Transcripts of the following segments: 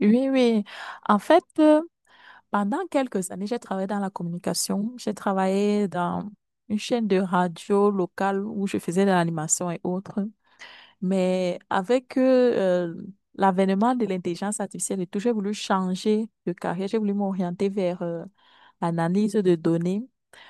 Oui, oui. En fait, pendant quelques années, j'ai travaillé dans la communication. J'ai travaillé dans une chaîne de radio locale où je faisais de l'animation et autres. Mais avec euh, l'avènement de l'intelligence artificielle et tout, j'ai voulu changer de carrière. J'ai voulu m'orienter vers l'analyse de données.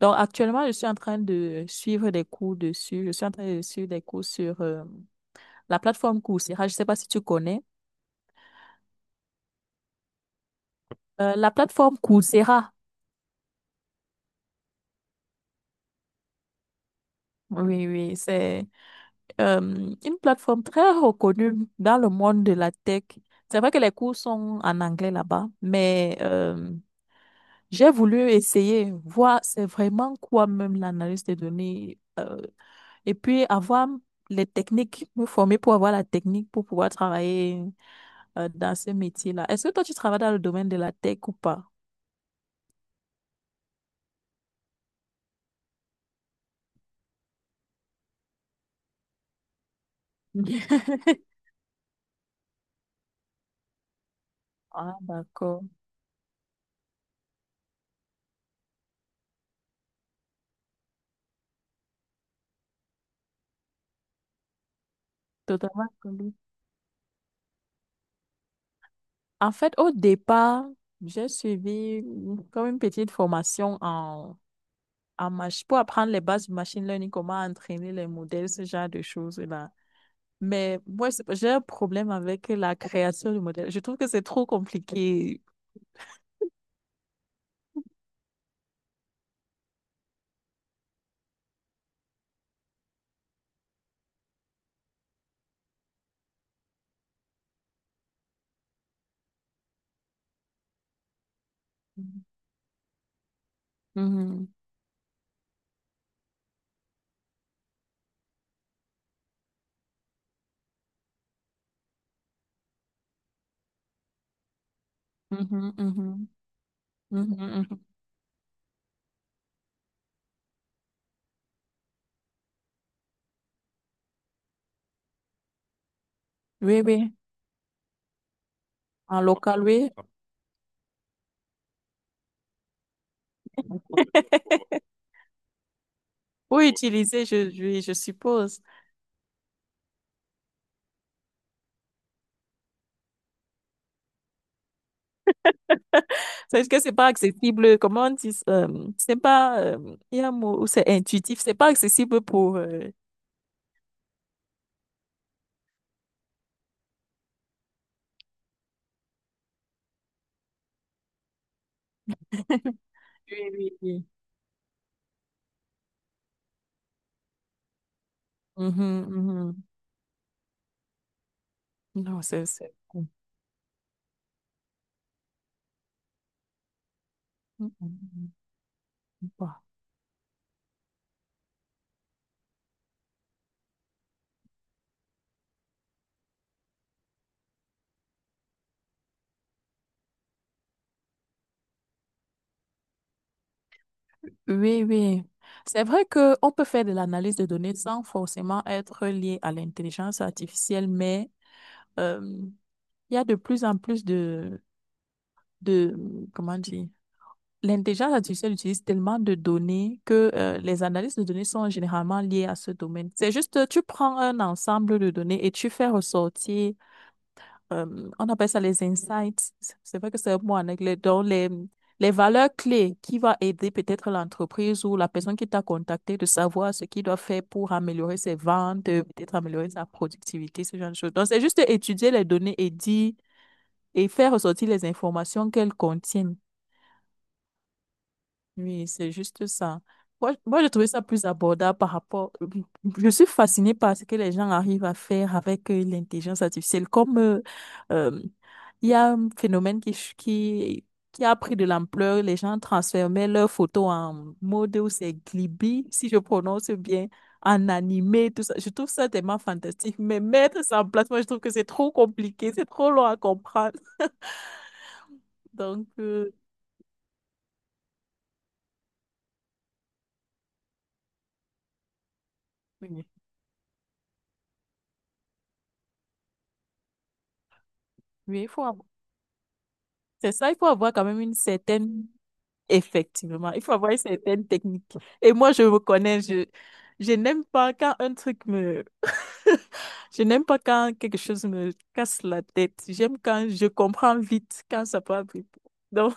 Donc, actuellement, je suis en train de suivre des cours dessus. Je suis en train de suivre des cours sur la plateforme Coursera. Je ne sais pas si tu connais. La plateforme Coursera. Oui, oui, c'est euh, une plateforme très reconnue dans le monde de la tech. C'est vrai que les cours sont en anglais là-bas, mais j'ai voulu essayer, voir c'est vraiment quoi même l'analyse des données, et puis avoir les techniques, me former pour avoir la technique pour pouvoir travailler dans ce métier-là. Est-ce que toi, tu travailles dans le domaine de la tech ou pas? Ah, d'accord. Totalement. En fait, au départ, j'ai suivi comme une petite formation en pour apprendre les bases du machine learning, comment entraîner les modèles, ce genre de choses-là. Mais moi, j'ai un problème avec la création du modèle. Je trouve que c'est trop compliqué. Mhm, mhm, mhm, mhm, mhm. Oui, oui, en local, oui. Pour utiliser, je suppose. C'est que c'est pas accessible. Comment on dit, c'est pas, il y a un mot où c'est intuitif. C'est pas accessible pour… Oui, oui, oui. Mhm, mhm. Non, c'est… Mhm, mhm. Bah. Oui, oui. C'est vrai qu'on peut faire de l'analyse de données sans forcément être lié à l'intelligence artificielle, mais euh, il y a de plus en plus de comment dire, l'intelligence artificielle utilise tellement de données que les analyses de données sont généralement liées à ce domaine. C'est juste, tu prends un ensemble de données et tu fais ressortir, on appelle ça les insights. C'est vrai que c'est un mot en anglais. Donc, les valeurs clés qui vont aider peut-être l'entreprise ou la personne qui t'a contacté de savoir ce qu'il doit faire pour améliorer ses ventes, peut-être améliorer sa productivité, ce genre de choses. Donc, c'est juste étudier les données et dire et faire ressortir les informations qu'elles contiennent. Oui, c'est juste ça. Moi, j'ai trouvé ça plus abordable par rapport. Je suis fascinée par ce que les gens arrivent à faire avec l'intelligence artificielle. Comme euh, il y a un phénomène qui a pris de l'ampleur, les gens transformaient leurs photos en mode ou c'est Glibi, si je prononce bien, en animé, tout ça. Je trouve ça tellement fantastique. Mais mettre ça en place, moi, je trouve que c'est trop compliqué, c'est trop long à comprendre. Donc… oui, oui, c'est ça, il faut avoir quand même une certaine… Effectivement, il faut avoir certaines techniques. Et moi, je me connais, je n'aime pas quand un truc me… Je n'aime pas quand quelque chose me casse la tête. J'aime quand je comprends vite, quand ça peut arriver. Donc,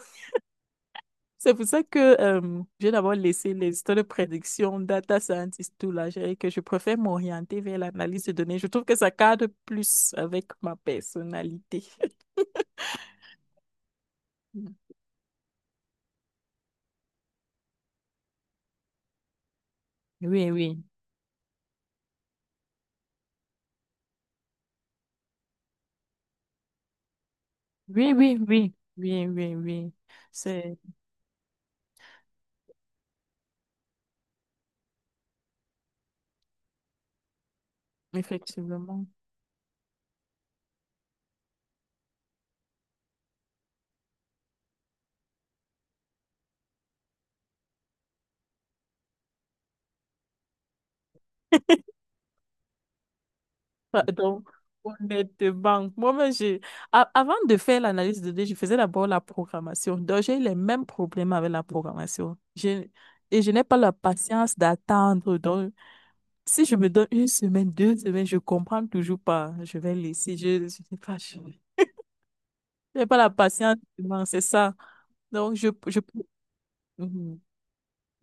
c'est pour ça que j'ai d'abord laissé les histoires de prédiction, data scientist, tout là, que je préfère m'orienter vers l'analyse de données. Je trouve que ça cadre plus avec ma personnalité. Oui, oui. Oui, oui, oui. Oui, oui, oui. Effectivement. Enfin, donc, honnêtement, moi-même, j'ai… avant de faire l'analyse de données, je faisais d'abord la programmation. Donc, j'ai eu les mêmes problèmes avec la programmation. Je… Et je n'ai pas la patience d'attendre. Donc, si je me donne une semaine, deux semaines, je comprends toujours pas. Je vais laisser. Je sais pas. Je n'ai pas la patience. Vraiment, c'est ça. Donc, je… je… Mhm.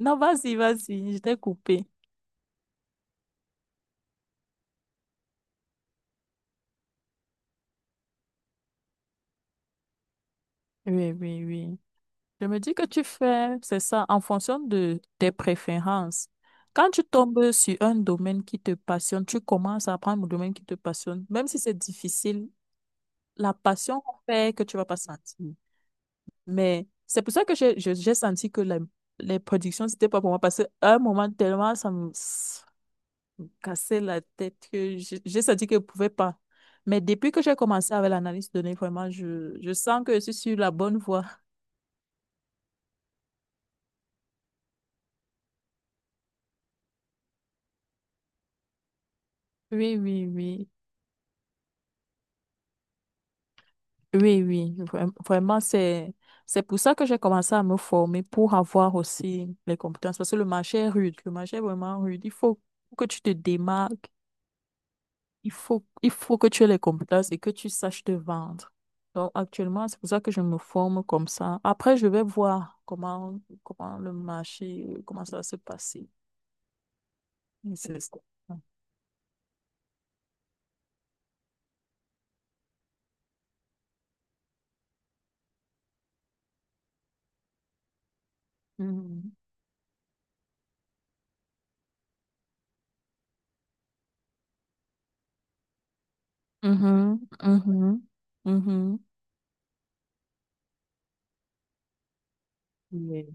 Non, vas-y, vas-y. Je t'ai coupé. Oui, oui, oui. Je me dis que tu fais, c'est ça, en fonction de tes préférences. Quand tu tombes sur un domaine qui te passionne, tu commences à apprendre le domaine qui te passionne. Même si c'est difficile, la passion fait que tu vas pas sentir. Mais c'est pour ça que j'ai senti que les productions, c'était pas pour moi. Parce qu'à un moment, tellement ça me cassait la tête que j'ai senti que je pouvais pas. Mais depuis que j'ai commencé avec l'analyse de données, vraiment, je sens que je suis sur la bonne voie. Oui, oui, oui. Oui, oui, vraiment, c'est pour ça que j'ai commencé à me former pour avoir aussi les compétences, parce que le marché est rude, le marché est vraiment rude. Il faut que tu te démarques, il faut que tu aies les compétences et que tu saches te vendre. Donc, actuellement, c'est pour ça que je me forme comme ça. Après, je vais voir comment le marché, comment ça va se passer. Et c'est ça. Mhm. Mhm, mhm, mhm. Oui,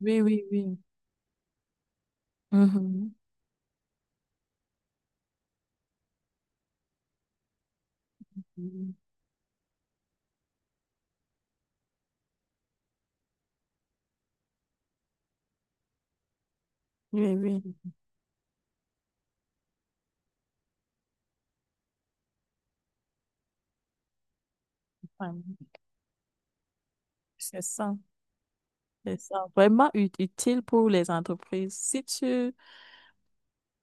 oui, oui, oui. Oui. Mhm. Mhm. Oui, oui. Ouais, c'est ça, c'est ça. Vraiment utile pour les entreprises. Si tu,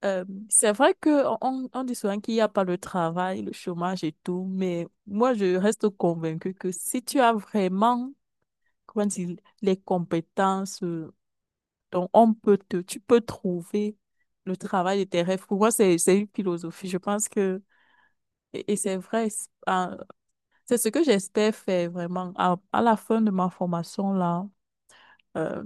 c'est vrai que on dit souvent qu'il n'y a pas le travail, le chômage et tout, mais moi je reste convaincue que si tu as vraiment, comment dire, les compétences, donc on peut te, tu peux trouver le travail de tes rêves. Pour moi, c'est une philosophie. Je pense que, et c'est vrai, c'est c'est ce que j'espère faire vraiment à la fin de ma formation là. Euh,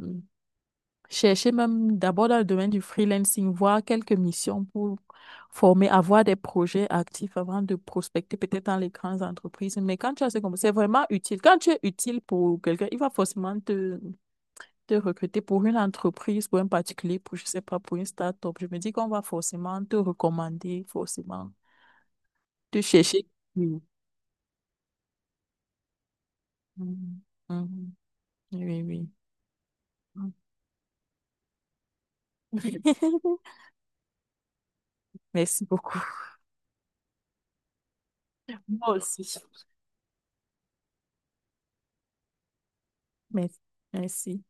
chercher même d'abord dans le domaine du freelancing, voir quelques missions pour former, avoir des projets actifs avant de prospecter peut-être dans les grandes entreprises. Mais quand tu as ce compétences, c'est vraiment utile. Quand tu es utile pour quelqu'un, il va forcément te recruter pour une entreprise, pour un particulier, pour, je sais pas, pour une start-up. Je me dis qu'on va forcément te recommander, forcément te chercher. Oui. Mhm. Mhm. Oui, oui. Merci beaucoup. Moi aussi. Merci. Merci.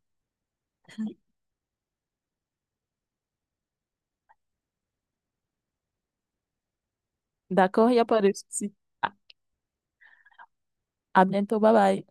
D'accord, il n'y a pas de souci. À à bientôt, bye bye.